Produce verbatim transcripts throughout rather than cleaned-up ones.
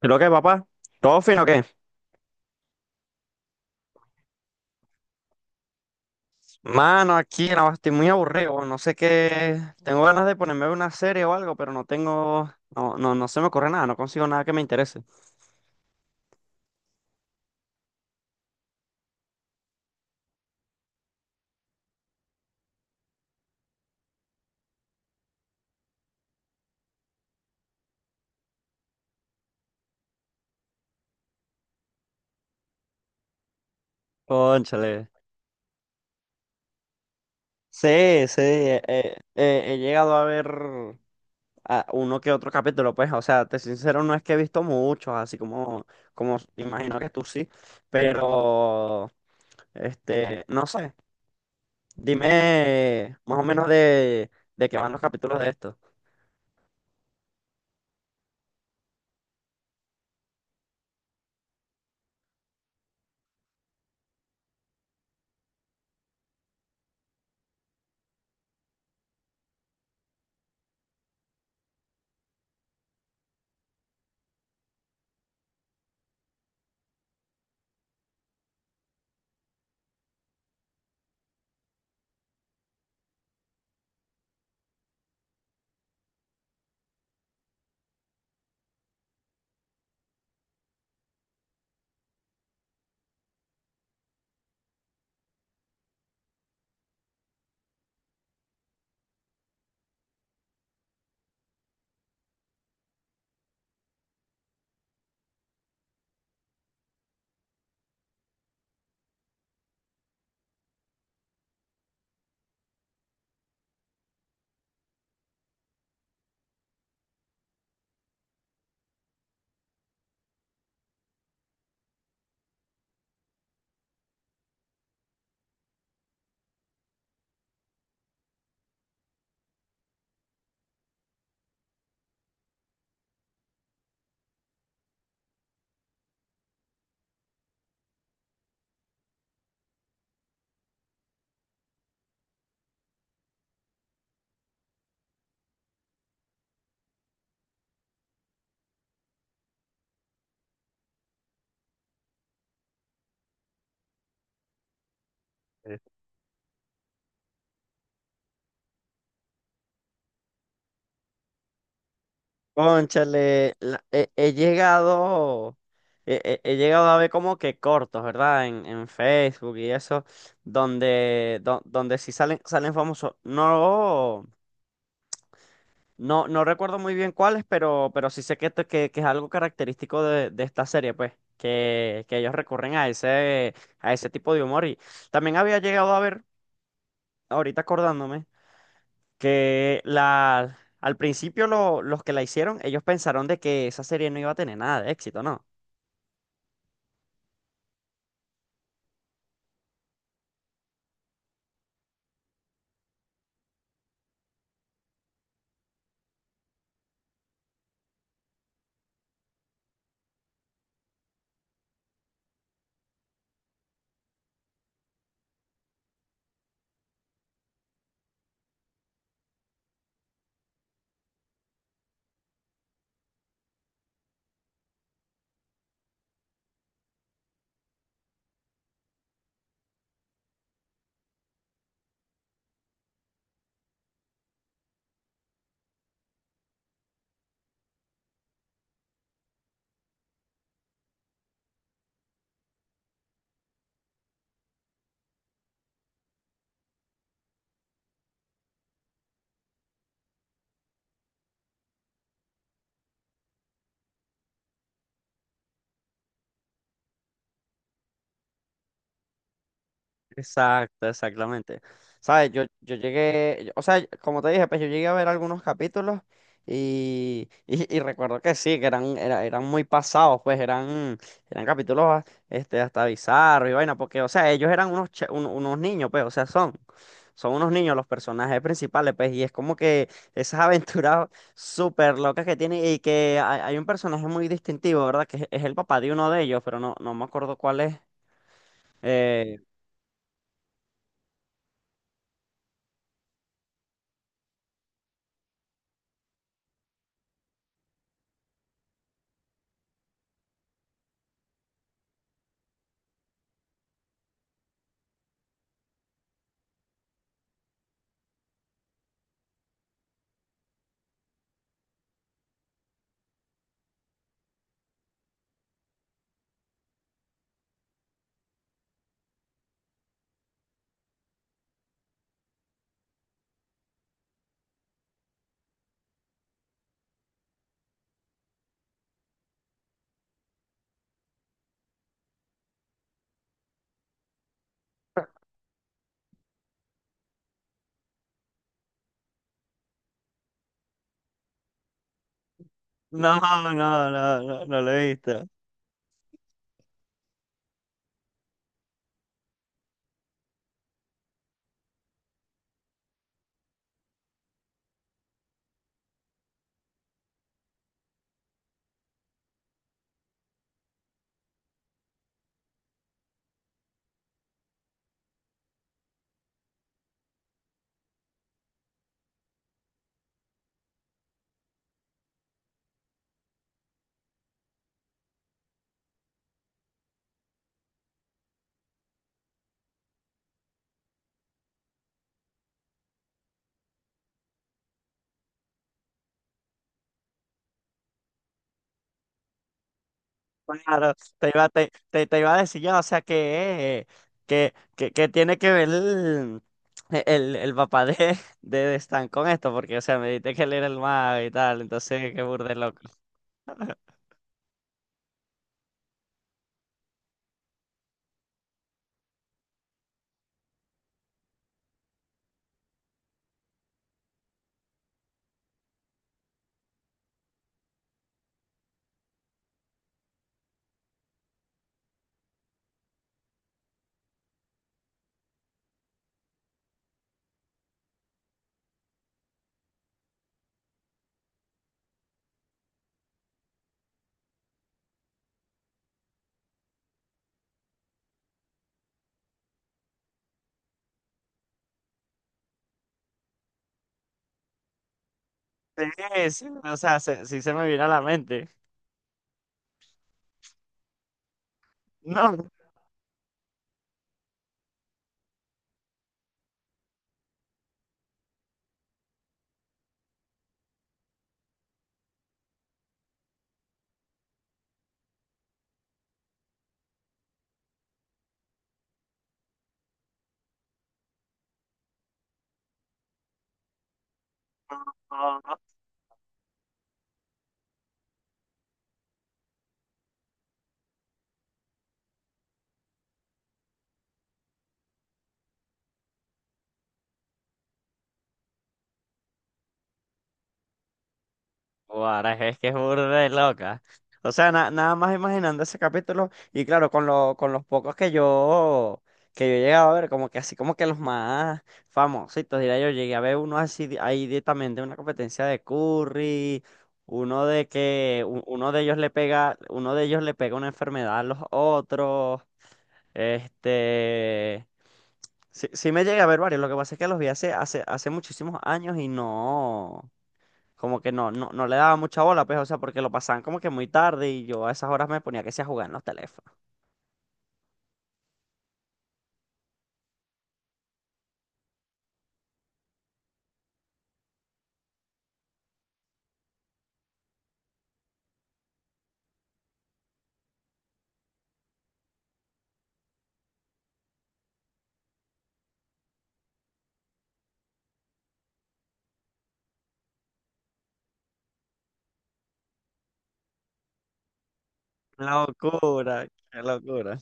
Creo que, papá, ¿todo fino o qué? Mano, aquí no, estoy muy aburrido, no sé qué. Tengo ganas de ponerme a ver una serie o algo, pero no tengo. No, no, no se me ocurre nada, no consigo nada que me interese. Cónchale. Sí, sí, eh, eh, eh, he llegado a ver a uno que otro capítulo, pues, o sea, te soy sincero, no es que he visto muchos, así como, como imagino que tú sí, pero. Este, no sé. Dime más o menos de, de qué van los capítulos de esto. Cónchale, la- he, he llegado, he, he- he llegado a ver como que cortos, ¿verdad? En, en Facebook y eso, donde, do- donde sí salen, salen famosos. No, no, no recuerdo muy bien cuáles, pero, pero sí sé que, esto- que, que es algo característico de, de esta serie, pues, que, que ellos recurren a ese, a ese tipo de humor. Y también había llegado a ver, ahorita acordándome. Que la, al principio lo- los que la hicieron, ellos pensaron de que esa serie no iba a tener nada de éxito, ¿no? Exacto, exactamente. Sabes, yo, yo llegué, yo- o sea, como te dije, pues yo llegué a ver algunos capítulos y, y, y recuerdo que sí, que eran, era- eran muy pasados, pues eran, eran capítulos ah, este, hasta bizarros y vaina, porque, o sea, ellos eran unos, che- un- unos niños, pues, o sea, son, son unos niños los personajes principales, pues, y es como que esas aventuras súper locas que tiene y que hay, hay un personaje muy distintivo, ¿verdad? Que es, es el papá de uno de ellos, pero no, no me acuerdo cuál es. Eh, No, no, no, no, no lo he visto. Claro, te iba, te, te, te iba a decir yo, o sea que, que, que, que tiene que ver el, el, el papá de, de Stan con esto, porque o sea, me dijiste que él era el mago y tal, entonces qué burde loco. Sí, sí, o sea, se- sí se me vino a la mente. No. No, no. Guara, es que es burda de loca. O sea, na- nada más imaginando ese capítulo, y claro, con lo, con los pocos que yo, que yo he llegado a ver, como que así como que los más famositos, diría yo, llegué a ver uno así di- ahí directamente, una competencia de Curry, uno de que u- uno de ellos le pega, uno de ellos le pega una enfermedad a los otros. Este sí, sí me llegué a ver varios, lo que pasa es que los vi hace, hace, hace muchísimos años y no como que no, no, no le daba mucha bola, pues, o sea, porque lo pasaban como que muy tarde y yo a esas horas me ponía que sea a jugar en los teléfonos. Locura, qué locura.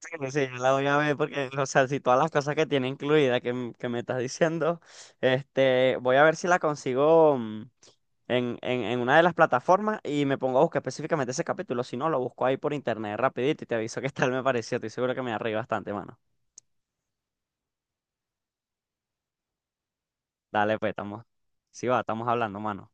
Sí, sí, yo la voy a ver porque, o sea, si todas las cosas que tiene incluida que, m- que me estás diciendo, este, voy a ver si la consigo mm, en, en, en una de las plataformas y me pongo a buscar específicamente ese capítulo. Si no, lo busco ahí por internet rapidito y te aviso qué tal me pareció. Estoy seguro que me va a reír bastante, mano. Dale, pues, estamos, sí va, estamos hablando, mano.